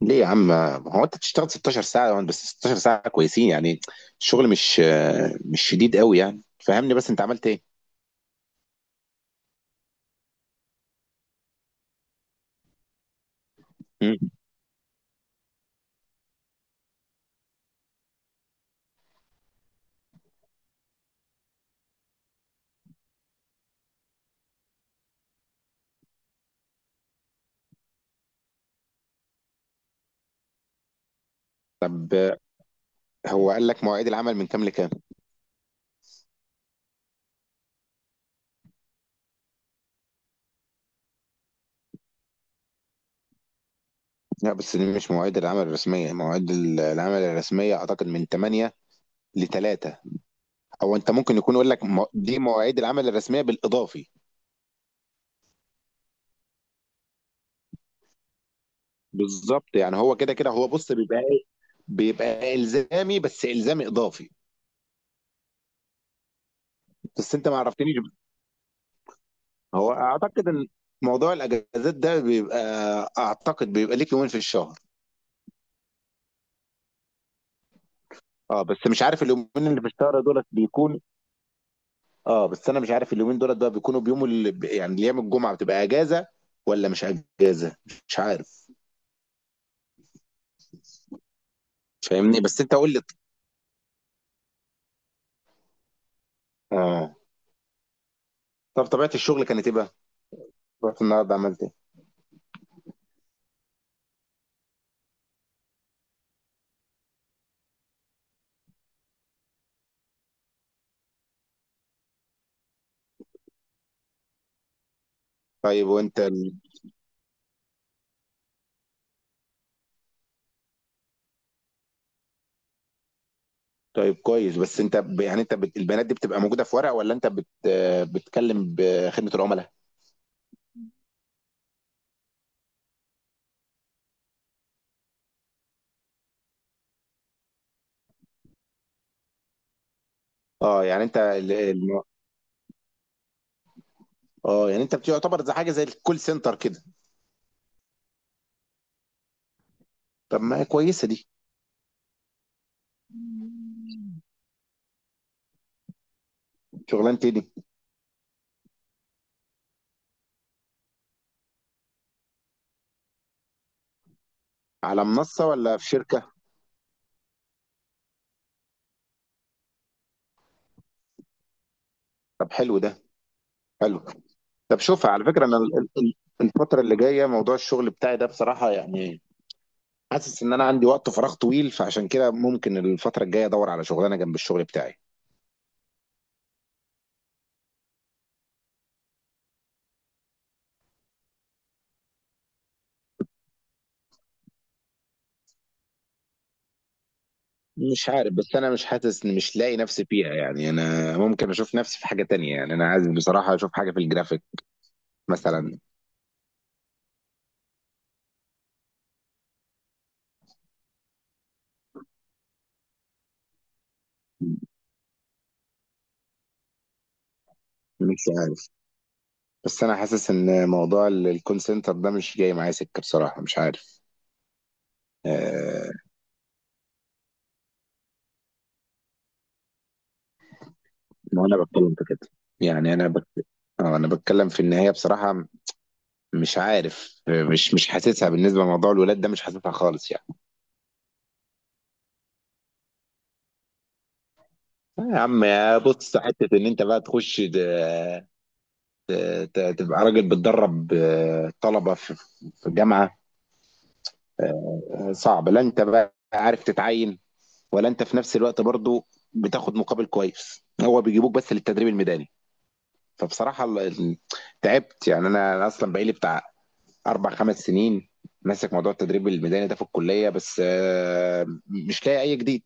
ليه يا عم؟ ما هو انت تشتغل 16 ساعة يعني، بس 16 ساعة كويسين يعني. الشغل مش شديد قوي يعني. فهمني، بس انت عملت ايه؟ مم. طب هو قال لك مواعيد العمل من كام لكام؟ لا، بس دي مش مواعيد العمل الرسمية. العمل الرسمية اعتقد من 8 ل 3. او انت ممكن يكون يقول لك، دي مواعيد العمل الرسمية بالاضافي. بالظبط، يعني هو كده كده. هو بص، بيبقى الزامي، بس الزامي اضافي. بس انت ما عرفتنيش. هو اعتقد موضوع الاجازات ده بيبقى، اعتقد بيبقى ليك يومين في الشهر. اه، بس مش عارف اليومين اللي في الشهر دولت بيكون. اه، بس انا مش عارف اليومين دولت بقى بيكونوا بيوم اللي، يعني، ايام الجمعه بتبقى اجازه ولا مش اجازه، مش عارف. فاهمني، بس انت قول لي. اه. طب طبيعه الشغل كانت ايه بقى؟ رحت النهارده عملت ايه؟ طيب، وانت طيب كويس. بس انت يعني انت البيانات دي بتبقى موجوده في ورق، ولا انت بت... آه، بتكلم بخدمه العملاء؟ اه يعني انت اه يعني انت بتعتبر زي حاجه، زي الكول سنتر كده. طب ما هي كويسه دي. شغلانه ايه دي؟ على منصه ولا في شركه؟ طب حلو ده، حلو. طب شوف، على فكره، انا الفتره اللي جايه، موضوع الشغل بتاعي ده بصراحه يعني، حاسس ان انا عندي وقت فراغ طويل، فعشان كده ممكن الفتره الجايه ادور على شغلانه جنب الشغل بتاعي. مش عارف، بس انا مش حاسس، ان مش لاقي نفسي فيها يعني. انا ممكن اشوف نفسي في حاجه تانية، يعني انا عايز بصراحه اشوف حاجه في الجرافيك مثلا. مش عارف، بس انا حاسس ان موضوع الكول سنتر ده مش جاي معايا سكه بصراحه، مش عارف. آه. ما انا بتكلم في كده. يعني انا بك... آه انا بتكلم في النهايه بصراحه. مش عارف، مش حاسسها بالنسبه لموضوع الولاد ده، مش حاسسها خالص يعني. آه يا عم، يا بص، حته ان انت بقى تخش ت... تبقى راجل بتدرب، طلبه في جامعه. آه، صعب. لا انت بقى عارف تتعين، ولا انت في نفس الوقت برضو بتاخد مقابل كويس. هو بيجيبوك بس للتدريب الميداني. فبصراحة تعبت يعني. أنا أصلا بقالي بتاع أربع خمس سنين ماسك موضوع التدريب الميداني ده في الكلية، بس مش لاقي أي جديد.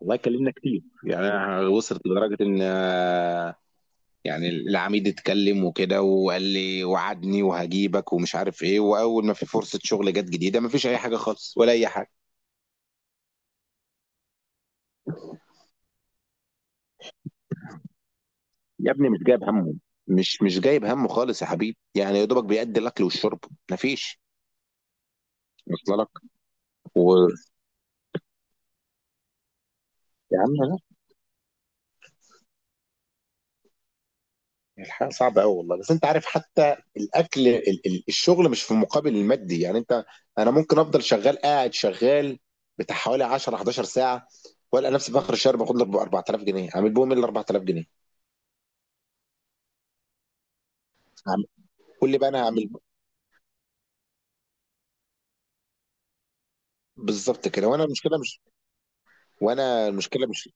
والله اتكلمنا كتير، يعني أنا وصلت لدرجة إن، يعني العميد اتكلم وكده وقال لي، وعدني وهجيبك ومش عارف إيه، وأول ما في فرصة شغل جت جديدة ما فيش أي حاجة خالص ولا أي حاجة. يا ابني، مش جايب همه، مش جايب همه خالص يا حبيبي. يعني يا دوبك بيأدي الأكل والشرب. ما فيش. وصل لك؟ يا عم، الحياة صعبة أوي والله. بس أنت عارف، حتى الأكل الشغل مش في المقابل المادي يعني. أنت، أنا ممكن أفضل شغال، قاعد شغال بتاع حوالي 10 11 ساعة وألقى نفسي في آخر الشهر باخد لي 4000 جنيه. أعمل بهم إيه ال 4000 جنيه؟ أعمل- قول لي بقى، أنا هعمل بالظبط كده. وأنا المشكلة مش.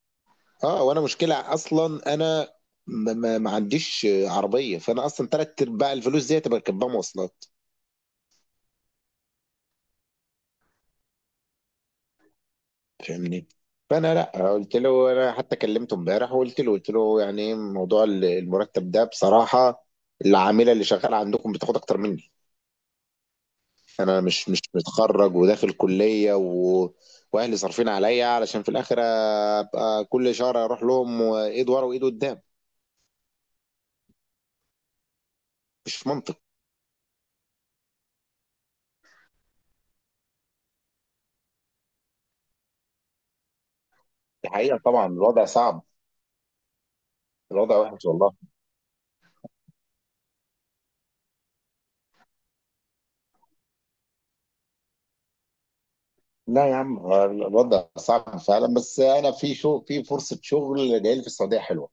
أه، وأنا مشكلة أصلا، أنا ما عنديش عربية، فأنا أصلا تلات أرباع الفلوس دي تبقى كاتبها مواصلات. فاهمني. فانا، لا، قلت له، انا حتى كلمته امبارح وقلت له، قلت له يعني ايه موضوع المرتب ده بصراحه. العامله اللي شغاله عندكم بتاخد اكتر مني. انا مش متخرج وداخل كليه واهلي صارفين عليا، علشان في الاخر ابقى كل شهر اروح لهم وايد ورا وايد قدام. مش منطق. الحقيقه طبعا الوضع صعب. الوضع وحش والله. لا يا عم، هو الوضع صعب فعلا، بس انا في فرصه شغل جايه لي في السعوديه حلوه.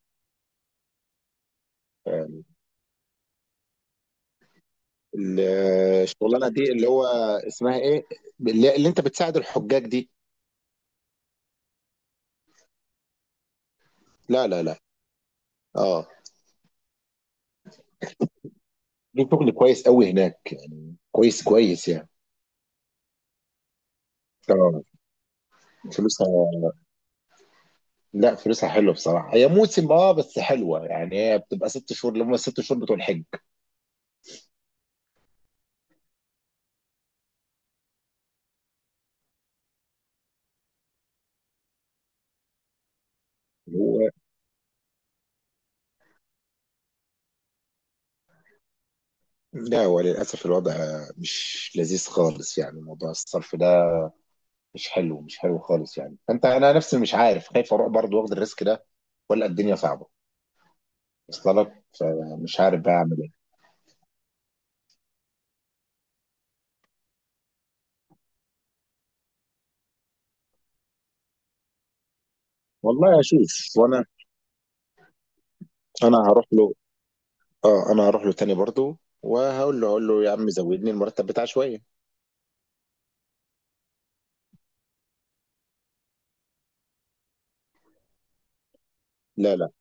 ال- الشغلانه دي، اللي هو اسمها ايه؟ اللي انت بتساعد الحجاج دي. لا لا لا. اه. دي شغل كويس قوي هناك يعني، كويس كويس يعني. اه. فلوسها، لا فلوسها حلوه بصراحه. هي موسم، اه بس حلوه يعني. هي بتبقى 6 شهور، اللي هم الست شهور بتوع الحج. اللي هو، لا وللاسف الوضع مش لذيذ خالص يعني. موضوع الصرف ده مش حلو، مش حلو خالص يعني. انا نفسي مش عارف، خايف اروح برضه واخد الريسك ده، ولا الدنيا صعبه. وصل لك، فمش عارف بقى اعمل إيه. والله اشوف. وانا، انا هروح له. اه، انا هروح له تاني برضه، وهقول له، هقول له يا عم زودني المرتب بتاع شويه. لا لا.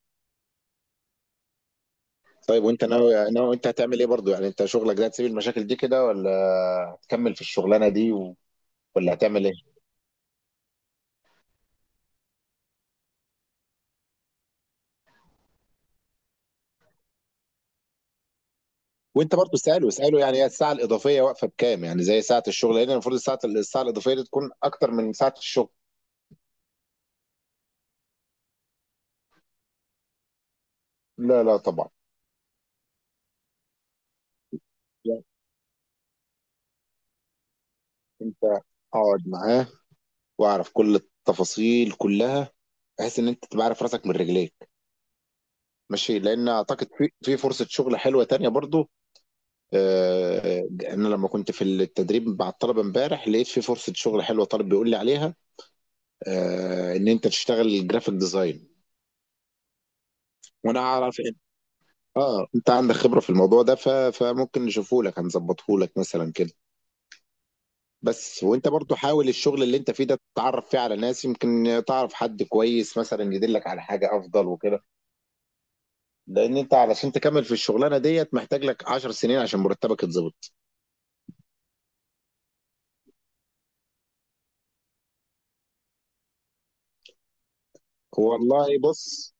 طيب، وانت ناوي انت هتعمل ايه برضه؟ يعني انت شغلك ده هتسيب المشاكل دي كده، ولا هتكمل في الشغلانه دي ولا هتعمل ايه؟ وانت برضه ساله، يعني هي الساعه الاضافيه واقفه بكام؟ يعني زي ساعه الشغل هنا؟ المفروض الساعه الاضافيه دي تكون اكتر من ساعه الشغل. لا لا طبعا. يعني انت اقعد معاه، واعرف كل التفاصيل كلها، بحيث ان انت تبقى عارف راسك من رجليك ماشي. لان اعتقد في فرصه شغل حلوه تانية برضو. آه، انا لما كنت في التدريب مع الطلبه امبارح لقيت في فرصه شغل حلوه، طالب بيقول لي عليها، ان انت تشتغل جرافيك ديزاين. وانا اعرف إن- اه، انت عندك خبره في الموضوع ده، فممكن نشوفه لك، هنظبطه لك مثلا كده. بس وانت برضو حاول الشغل اللي انت فيه ده تتعرف فيه على ناس، يمكن تعرف حد كويس مثلا يدلك على حاجه افضل وكده. لان انت علشان تكمل في الشغلانه ديت محتاج لك 10 سنين عشان مرتبك يتظبط. والله بص.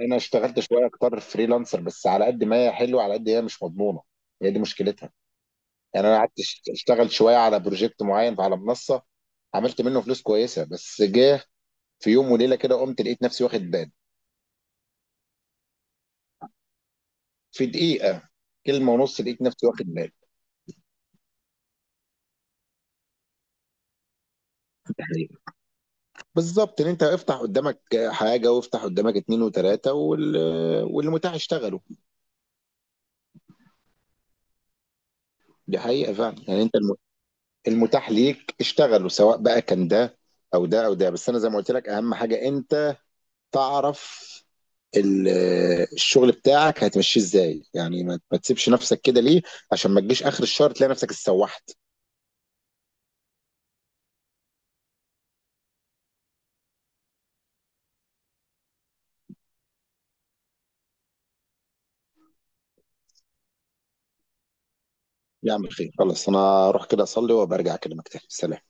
انا اشتغلت شويه اكتر فريلانسر، بس على قد ما هي حلوه، على قد هي مش مضمونه. هي دي مشكلتها. يعني انا قعدت اشتغل شويه على بروجكت معين على منصه. عملت منه فلوس كويسه، بس جه في يوم وليله كده، قمت لقيت نفسي واخد بان. في دقيقه، كلمه ونص، لقيت نفسي واخد بان. ده حقيقي. بالظبط. ان انت افتح قدامك حاجه، وافتح قدامك اتنين وتلاته والمتاح اشتغلوا. دي حقيقه فعلا يعني، انت المتاح ليك اشتغلوا، سواء بقى كان ده او ده او ده. بس انا زي ما قلت لك، اهم حاجه انت تعرف ال- الشغل بتاعك هتمشيه ازاي. يعني ما تسيبش نفسك كده ليه، عشان ما تجيش اخر الشهر تلاقي نفسك اتسوحت. يا عم خير، خلاص انا اروح كده اصلي وبرجع اكلمك تاني. سلام.